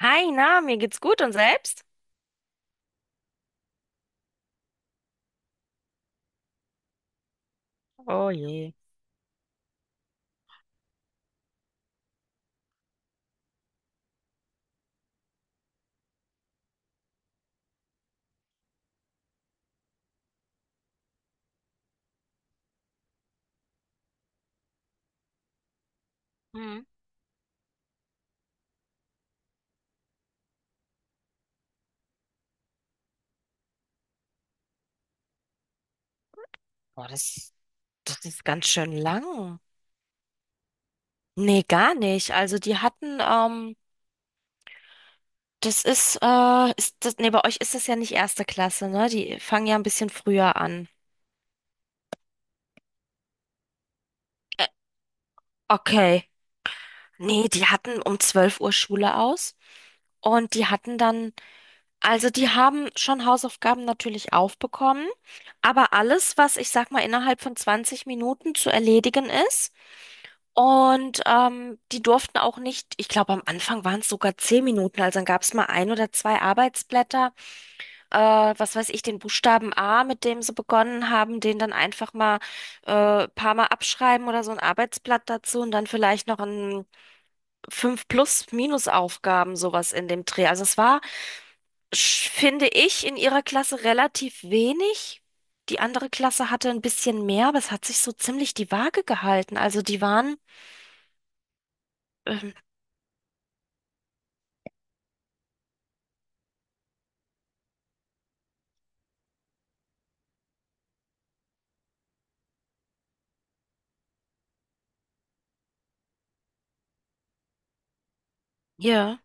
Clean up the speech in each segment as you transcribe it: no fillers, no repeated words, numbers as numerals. Hi, na, mir geht's gut und selbst? Oh je. Mhm. Boah, das ist ganz schön lang. Nee, gar nicht. Also die hatten, das ist, ist das, nee, bei euch ist das ja nicht erste Klasse, ne? Die fangen ja ein bisschen früher an. Äh, okay. Nee, die hatten um 12 Uhr Schule aus und die hatten dann, also die haben schon Hausaufgaben natürlich aufbekommen, aber alles, was ich sag mal innerhalb von 20 Minuten zu erledigen ist. Und die durften auch nicht, ich glaube, am Anfang waren es sogar 10 Minuten, also dann gab es mal ein oder zwei Arbeitsblätter, äh, was weiß ich, den Buchstaben A, mit dem sie begonnen haben, den dann einfach mal paar Mal abschreiben oder so ein Arbeitsblatt dazu und dann vielleicht noch ein fünf Plus-Minus-Aufgaben, sowas in dem Dreh. Also es war, finde ich, in ihrer Klasse relativ wenig. Die andere Klasse hatte ein bisschen mehr, aber es hat sich so ziemlich die Waage gehalten. Also die waren, ähm, hier.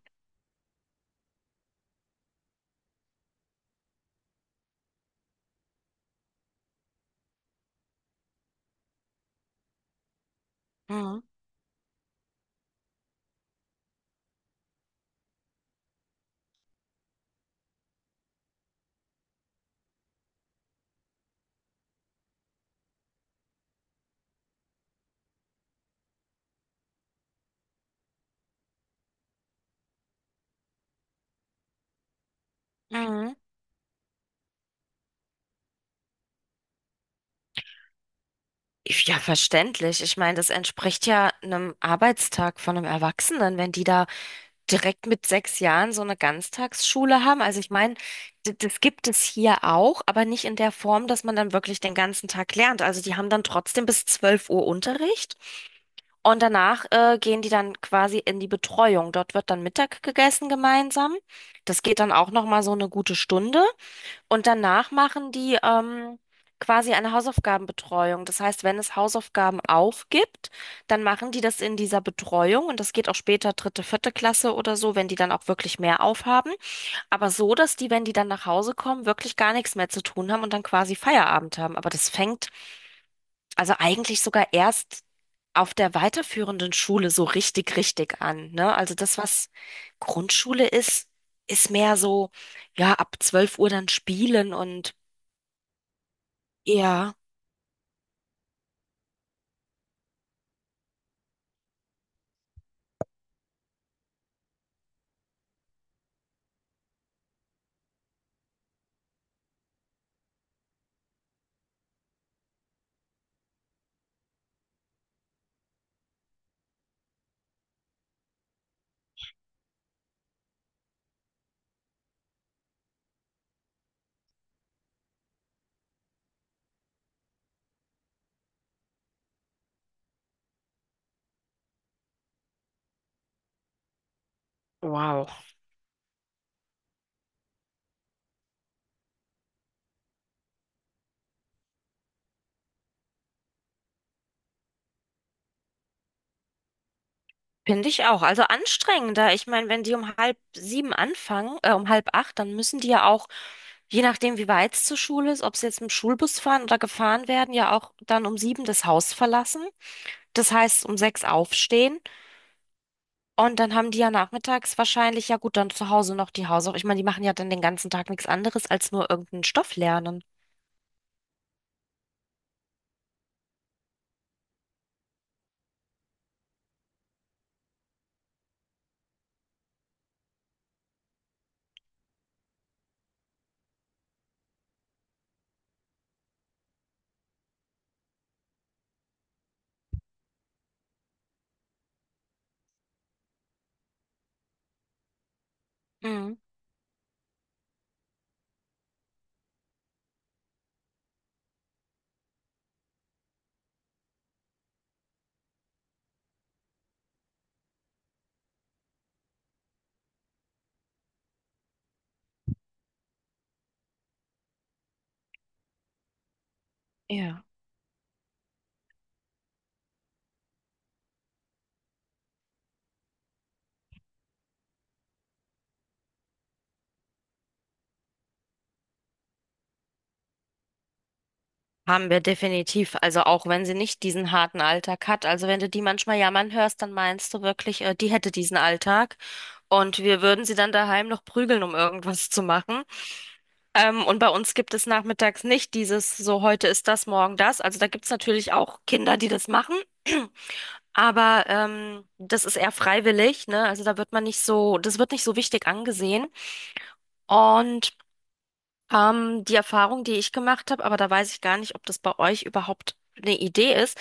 Mhm. Ja, verständlich. Ich meine, das entspricht ja einem Arbeitstag von einem Erwachsenen, wenn die da direkt mit 6 Jahren so eine Ganztagsschule haben. Also ich meine, das gibt es hier auch, aber nicht in der Form, dass man dann wirklich den ganzen Tag lernt. Also die haben dann trotzdem bis 12 Uhr Unterricht und danach gehen die dann quasi in die Betreuung. Dort wird dann Mittag gegessen gemeinsam. Das geht dann auch noch mal so eine gute Stunde. Und danach machen die quasi eine Hausaufgabenbetreuung. Das heißt, wenn es Hausaufgaben aufgibt, dann machen die das in dieser Betreuung und das geht auch später dritte, vierte Klasse oder so, wenn die dann auch wirklich mehr aufhaben. Aber so, dass die, wenn die dann nach Hause kommen, wirklich gar nichts mehr zu tun haben und dann quasi Feierabend haben. Aber das fängt also eigentlich sogar erst auf der weiterführenden Schule so richtig, richtig an, ne? Also das, was Grundschule ist, ist mehr so, ja, ab 12 Uhr dann spielen und ja, wow. Finde ich auch. Also anstrengender. Ich meine, wenn die um halb sieben anfangen, um halb acht, dann müssen die ja auch, je nachdem, wie weit es zur Schule ist, ob sie jetzt mit dem Schulbus fahren oder gefahren werden, ja auch dann um sieben das Haus verlassen. Das heißt, um sechs aufstehen. Und dann haben die ja nachmittags wahrscheinlich, ja gut, dann zu Hause noch die Hausaufgaben. Ich meine, die machen ja dann den ganzen Tag nichts anderes als nur irgendeinen Stoff lernen. Mhm. Ja. Haben wir definitiv. Also auch wenn sie nicht diesen harten Alltag hat. Also wenn du die manchmal jammern hörst, dann meinst du wirklich, die hätte diesen Alltag. Und wir würden sie dann daheim noch prügeln, um irgendwas zu machen. Und bei uns gibt es nachmittags nicht dieses so, heute ist das, morgen das. Also da gibt's natürlich auch Kinder, die das machen. Aber das ist eher freiwillig, ne? Also da wird man nicht so, das wird nicht so wichtig angesehen. Und die Erfahrung, die ich gemacht habe, aber da weiß ich gar nicht, ob das bei euch überhaupt eine Idee ist.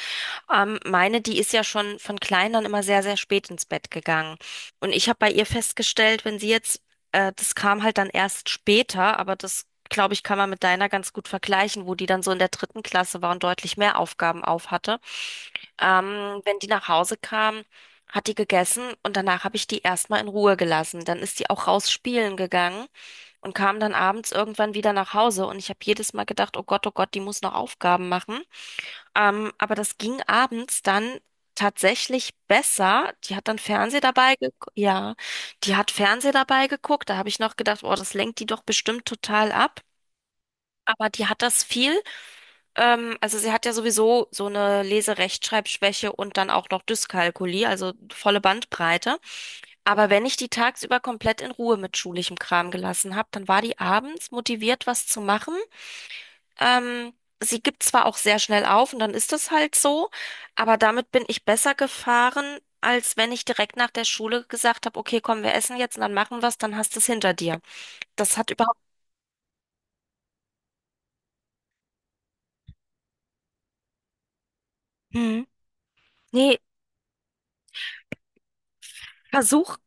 Meine, die ist ja schon von klein an immer sehr, sehr spät ins Bett gegangen. Und ich habe bei ihr festgestellt, wenn sie jetzt, das kam halt dann erst später, aber das, glaube ich, kann man mit deiner ganz gut vergleichen, wo die dann so in der dritten Klasse war und deutlich mehr Aufgaben auf hatte. Wenn die nach Hause kam, hat die gegessen und danach habe ich die erstmal in Ruhe gelassen. Dann ist die auch raus spielen gegangen und kam dann abends irgendwann wieder nach Hause und ich habe jedes Mal gedacht, oh Gott, die muss noch Aufgaben machen. Aber das ging abends dann tatsächlich besser. Die hat dann Fernseh dabei geguckt. Ja, die hat Fernseh dabei geguckt. Da habe ich noch gedacht, boah, das lenkt die doch bestimmt total ab. Aber die hat das viel. Also sie hat ja sowieso so eine Leserechtschreibschwäche und dann auch noch Dyskalkulie, also volle Bandbreite. Aber wenn ich die tagsüber komplett in Ruhe mit schulischem Kram gelassen habe, dann war die abends motiviert, was zu machen. Ähm, Sie gibt zwar auch sehr schnell auf und dann ist das halt so, aber damit bin ich besser gefahren, als wenn ich direkt nach der Schule gesagt habe, okay, komm, wir essen jetzt und dann machen wir's, dann hast du es hinter dir. Das hat überhaupt. Hm. Nee, versuch,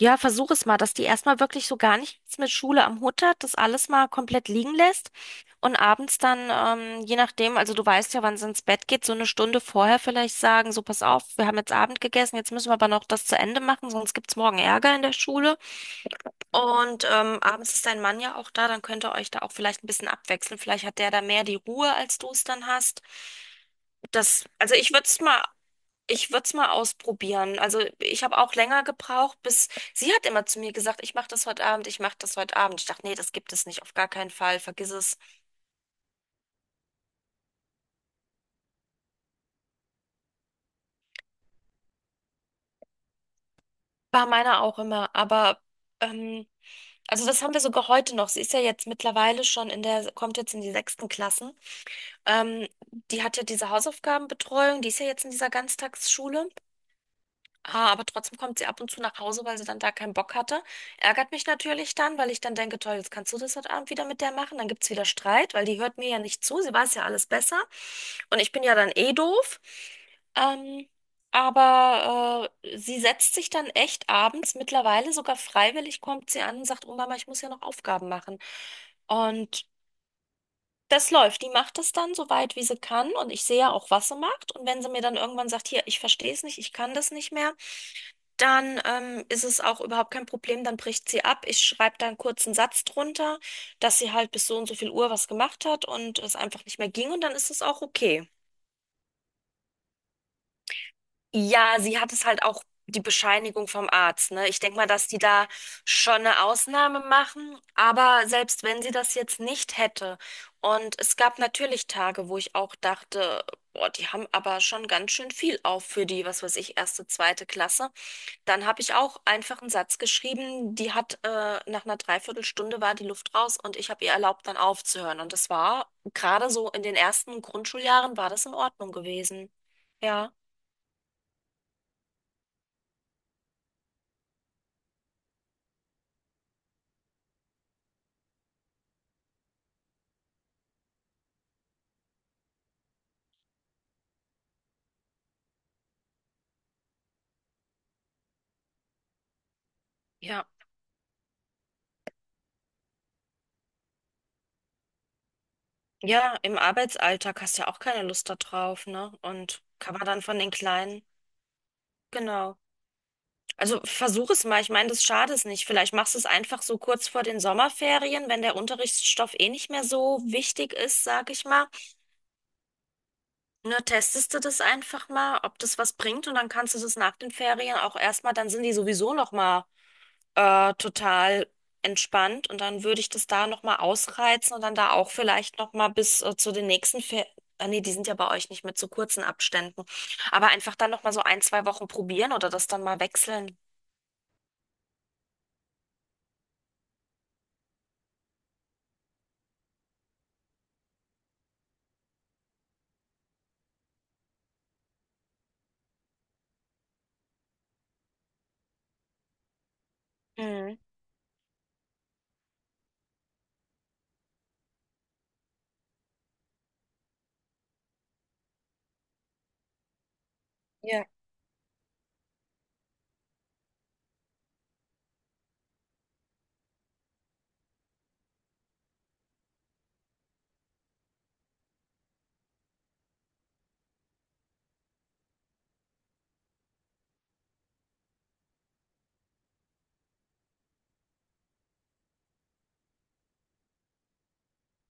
ja, versuch es mal, dass die erstmal wirklich so gar nichts mit Schule am Hut hat, das alles mal komplett liegen lässt. Und abends dann, je nachdem, also du weißt ja, wann sie ins Bett geht, so eine Stunde vorher vielleicht sagen, so pass auf, wir haben jetzt Abend gegessen, jetzt müssen wir aber noch das zu Ende machen, sonst gibt's morgen Ärger in der Schule. Und abends ist dein Mann ja auch da, dann könnt ihr euch da auch vielleicht ein bisschen abwechseln. Vielleicht hat der da mehr die Ruhe, als du es dann hast. Das, also ich würde es mal ausprobieren. Also ich habe auch länger gebraucht, bis sie hat immer zu mir gesagt, ich mache das heute Abend, ich mache das heute Abend. Ich dachte, nee, das gibt es nicht, auf gar keinen Fall, vergiss es. War meiner auch immer, aber ähm, also das haben wir sogar heute noch. Sie ist ja jetzt mittlerweile schon in der, kommt jetzt in die sechsten Klassen. Ähm, Die hat ja diese Hausaufgabenbetreuung, die ist ja jetzt in dieser Ganztagsschule. Ah, aber trotzdem kommt sie ab und zu nach Hause, weil sie dann da keinen Bock hatte. Ärgert mich natürlich dann, weil ich dann denke, toll, jetzt kannst du das heute Abend wieder mit der machen. Dann gibt's wieder Streit, weil die hört mir ja nicht zu. Sie weiß ja alles besser. Und ich bin ja dann eh doof. Ähm, aber sie setzt sich dann echt abends, mittlerweile sogar freiwillig, kommt sie an und sagt, oh Mama, ich muss ja noch Aufgaben machen. Und das läuft. Die macht das dann so weit, wie sie kann. Und ich sehe ja auch, was sie macht. Und wenn sie mir dann irgendwann sagt, hier, ich verstehe es nicht, ich kann das nicht mehr, dann ist es auch überhaupt kein Problem, dann bricht sie ab. Ich schreibe da einen kurzen Satz drunter, dass sie halt bis so und so viel Uhr was gemacht hat und es einfach nicht mehr ging und dann ist es auch okay. Ja, sie hat es halt auch die Bescheinigung vom Arzt, ne? Ich denke mal, dass die da schon eine Ausnahme machen, aber selbst wenn sie das jetzt nicht hätte und es gab natürlich Tage, wo ich auch dachte, boah, die haben aber schon ganz schön viel auf für die, was weiß ich, erste, zweite Klasse. Dann habe ich auch einfach einen Satz geschrieben, die hat, nach einer Dreiviertelstunde war die Luft raus und ich habe ihr erlaubt, dann aufzuhören. Und das war gerade so in den ersten Grundschuljahren war das in Ordnung gewesen. Ja, ja, ja, im Arbeitsalltag hast du ja auch keine Lust da drauf, ne? Und kann man dann von den Kleinen, genau. Also versuch es mal, ich meine, das schadet es nicht. Vielleicht machst du es einfach so kurz vor den Sommerferien, wenn der Unterrichtsstoff eh nicht mehr so wichtig ist, sag ich mal. Na, testest du das einfach mal, ob das was bringt und dann kannst du das nach den Ferien auch erstmal, dann sind die sowieso nochmal total entspannt und dann würde ich das da nochmal ausreizen und dann da auch vielleicht nochmal bis zu den nächsten Ferien, nee, die sind ja bei euch nicht mit so kurzen Abständen, aber einfach dann nochmal so ein, zwei Wochen probieren oder das dann mal wechseln. Mhm. Ja.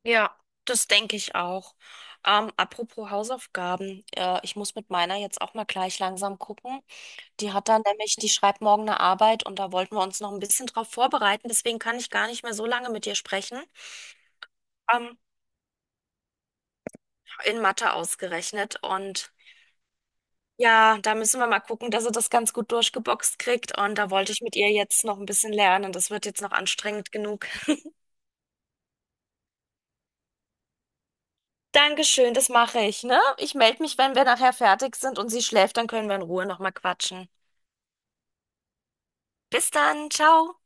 Ja, das denke ich auch. Apropos Hausaufgaben, ich muss mit meiner jetzt auch mal gleich langsam gucken. Die hat dann nämlich, die schreibt morgen eine Arbeit und da wollten wir uns noch ein bisschen drauf vorbereiten. Deswegen kann ich gar nicht mehr so lange mit dir sprechen. Ähm, in Mathe ausgerechnet. Und ja, da müssen wir mal gucken, dass sie das ganz gut durchgeboxt kriegt. Und da wollte ich mit ihr jetzt noch ein bisschen lernen. Das wird jetzt noch anstrengend genug. Dankeschön, das mache ich, ne? Ich melde mich, wenn wir nachher fertig sind und sie schläft, dann können wir in Ruhe nochmal quatschen. Bis dann, ciao.